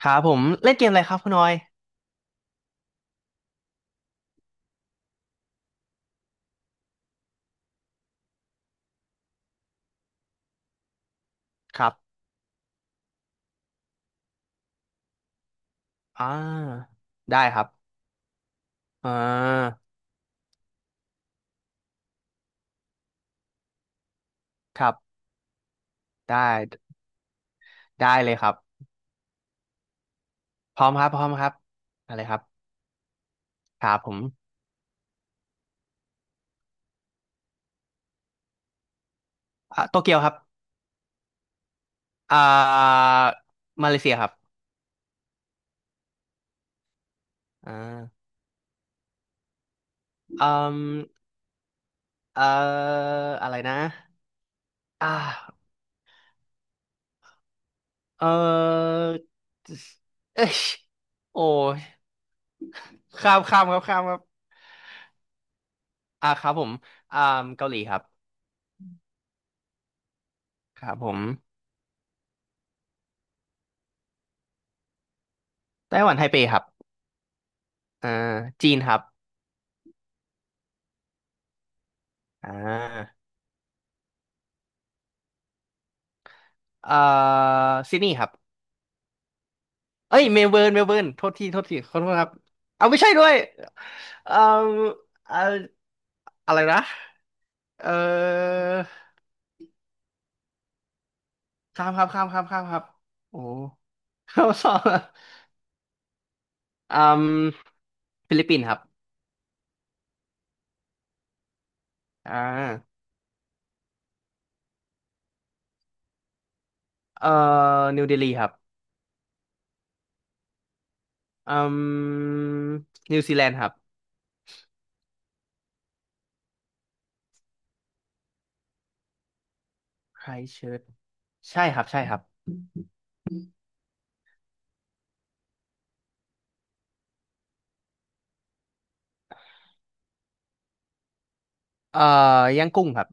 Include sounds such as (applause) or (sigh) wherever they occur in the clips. ครับผมเล่นเกมอะไรครับคุณออยครับอ่าได้ครับอ่าครับได้ได้เลยครับพร้อมครับพร้อมครับอะไรครับครับผมโตเกียวครับอ่ามาเลเซียครับอ่าอืมเอ่ออะไรนะอ่าเออเอ้ยโอ้ยข้ามข้ามครับข้ามครับครับผมอ่าเกาหลีครับครับผมไต้หวันไทเปครับอ่าจีนครับอ่า เอ่อซิดนีย์ครับเอ้ยเมลเบิร์นเมลเบิร์นโทษทีโทษทีขอโทษครับเอาไม่ใช่ด้วย เอ่อเอ่ออะไรนะเอ่อข้ามครับข้ามครับข้ามครับโอ้ข้ามส (laughs) องอะอืมฟิลิปปินส์ครับอ่าเอ่อนิวเดลีครับอืมนิวซีแลนด์ครับไครสต์เชิร์ชใช่ครับใช่ครับเอ่ย่างกุ้งครับ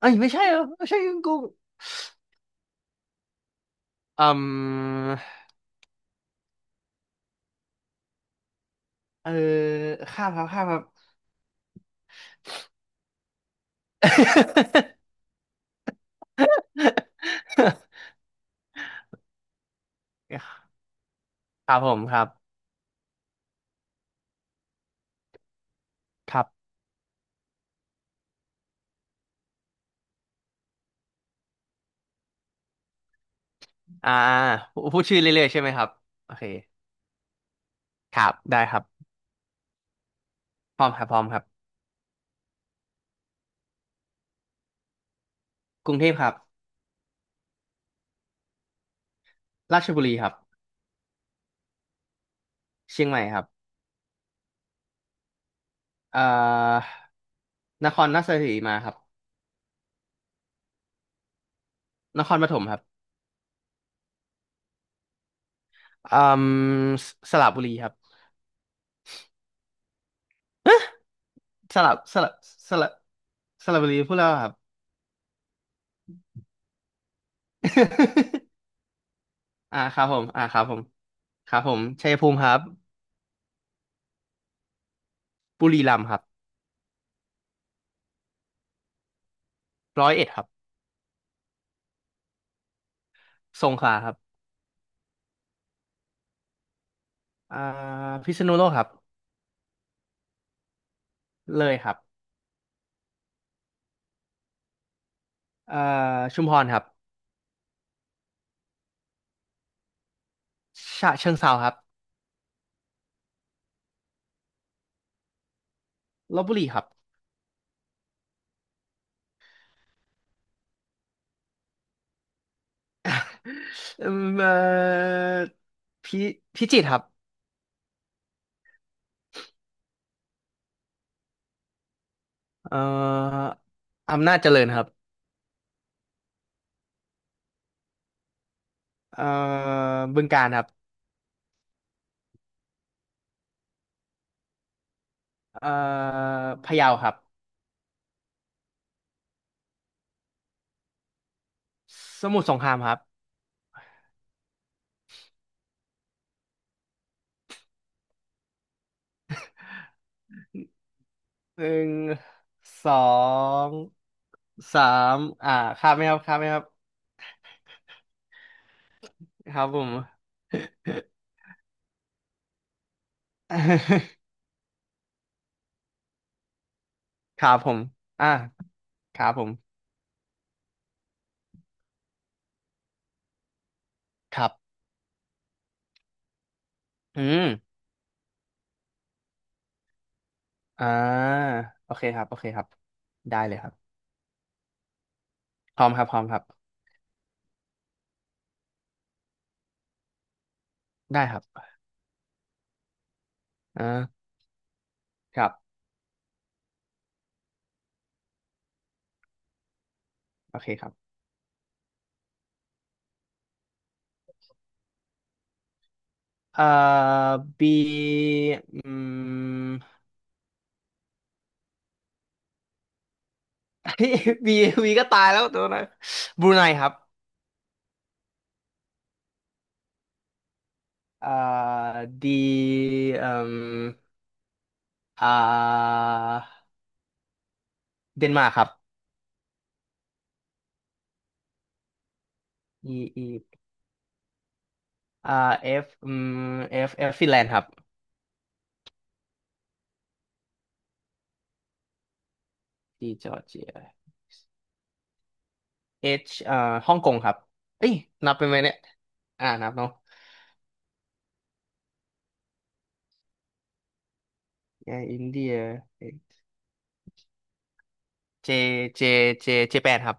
เอ้ยไม่ใช่เหรอไม่ใช่ย่างกุ้งอืม เออข้ามครับข้ามครับ (laughs) ครับผมครับครับอ่าพูดชื่อเรื่อยๆใช่ไหมครับโอเคครับได้ครับพร้อมครับพร้อมครับกรุงเทพครับราชบุรีครับเชียงใหม่ครับเอ่อนครราชสีมาครับนครปฐมครับอืมสระบุรีครับสระสระสระสระบุรีพูดแล้วครับ (laughs) ครับผมครับผมครับผมชัยภูมิครับบุรีรัมย์ครับร้อยเอ็ดครับ สงขลาครับอ่าพิษณุโลกครับเลยครับอ่าชุมพรครับฉะเชิงเทราครับลพบุรีครับอืมเอ่อพิพิจิตรครับเอ่ออำนาจเจริญครับเอ่อบึงกาฬครับเอ่อพะเยาครับสมุทรสงครามครับหนึ่งสองสามอ่าข้ามไหมครับข้ามไหมครับครับผม (laughs) ครับผมอ่าครับผมครับอืม อ่าโอเคครับโอเคครับได้เลยครับพร้อมครับพร้อมครับได้ครับอ่าครับโอเคครับเอ่อบีอืม (laughs) บีีก็ตายแล้วตัวนะบรูไนครับเอ่อดีเอ่มอ่าเดนมาร์กครับ E E อ่า F F ฟินแลนด์ครับ D จอร์เจีย H ฮ่องกงครับเอ้ยนับเป็นไหมเนี่ยนับเนาะ แอร์อินเดียเจเจเจแปดครับ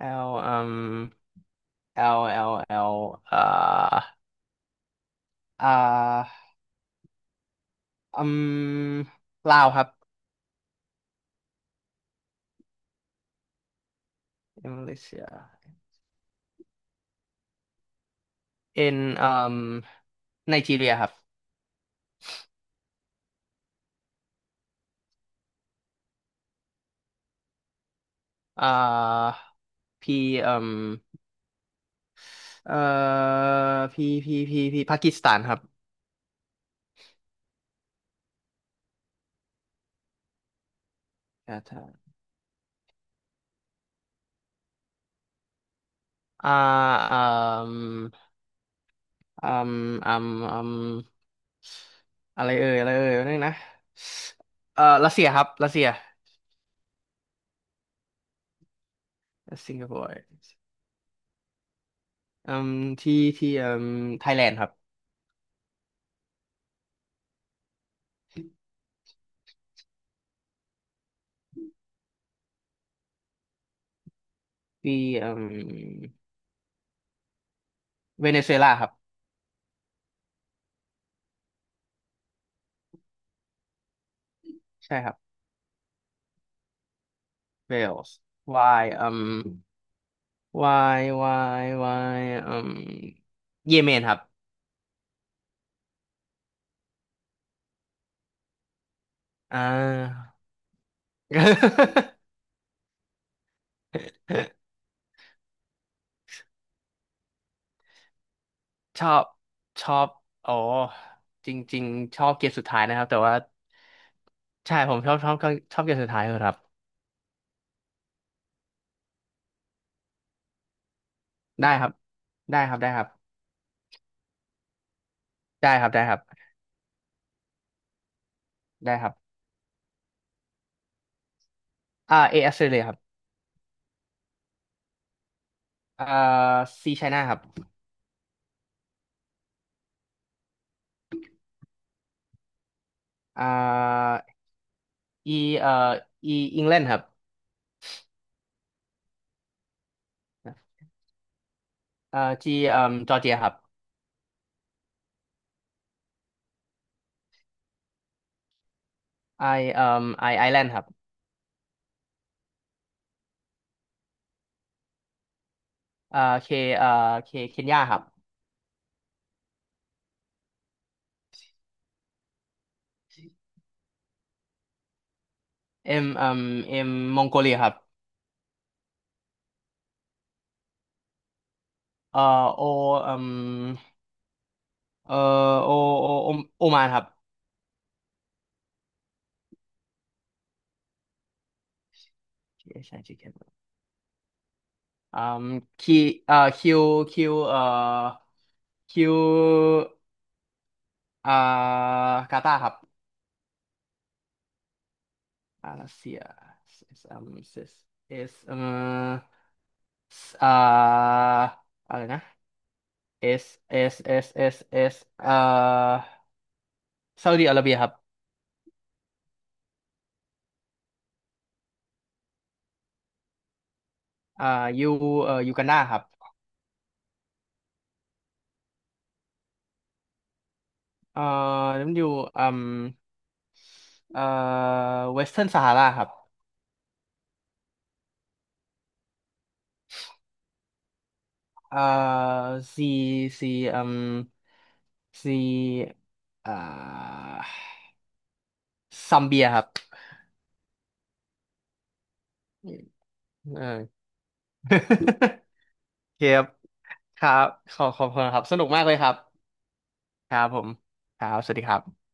L อื L L L เอ่ออ่าอืมลาวครับอินโดเซีย N ไนจีเรียครับอ่า P um เอ่อ P P P P ปากีสถานครับถ้าอ่าอืม อืมอืมอืมอะไรเอ่ยอะไรเอ่ยนึงนะรัสเซียครับรัสเซียสิงคโปร์อืมที่ที่ไทยแลนด์ครับที่อืมเวเนซุเอลาครับใช่ครับเวลส์วายวายวาวายเยเมนครับอ่า (laughs) ชอบชอบอ๋อจริงๆชอบเกมสุดท้ายนะครับแต่ว่าใช่ผมชอบเกมสุดท้ายครับได้ครับได้ครับได้ครับได้ครับได้ครับได้ครับเอออสเตรเลียครับอ่าซีไชน่าครับอ่าอีเอ่ออีอังกฤษครับจีจอร์เจียครับไอเอ่อไอไอแลนด์ครับเคเอ่อเคเคนยาครับเอ็มเอ่อเอ็มมองโกเลียครับเอ่อโอเอ่อ เอ่อโอโอโอมานครับใช่ใช่อแคอืมคีเอ่อคิวคิวเอ่อคิวอ่ากาตาร์ครับรัสเซียเอสเอสอ่าอะไรนะเอสเอสซาอุดิอาระเบียครับอ่ายูยูกันดาครับเอ่อนั่นอยู่อืมเอ่อเวสเทิร์นซาฮาราครับ 呃ซีซีอืมซเอ่าซัมเบียครับอืมเออ (laughs) อเคคบครับขอบคุณครับสนุกมากเลยครับครับผมครับสวัสดีครับ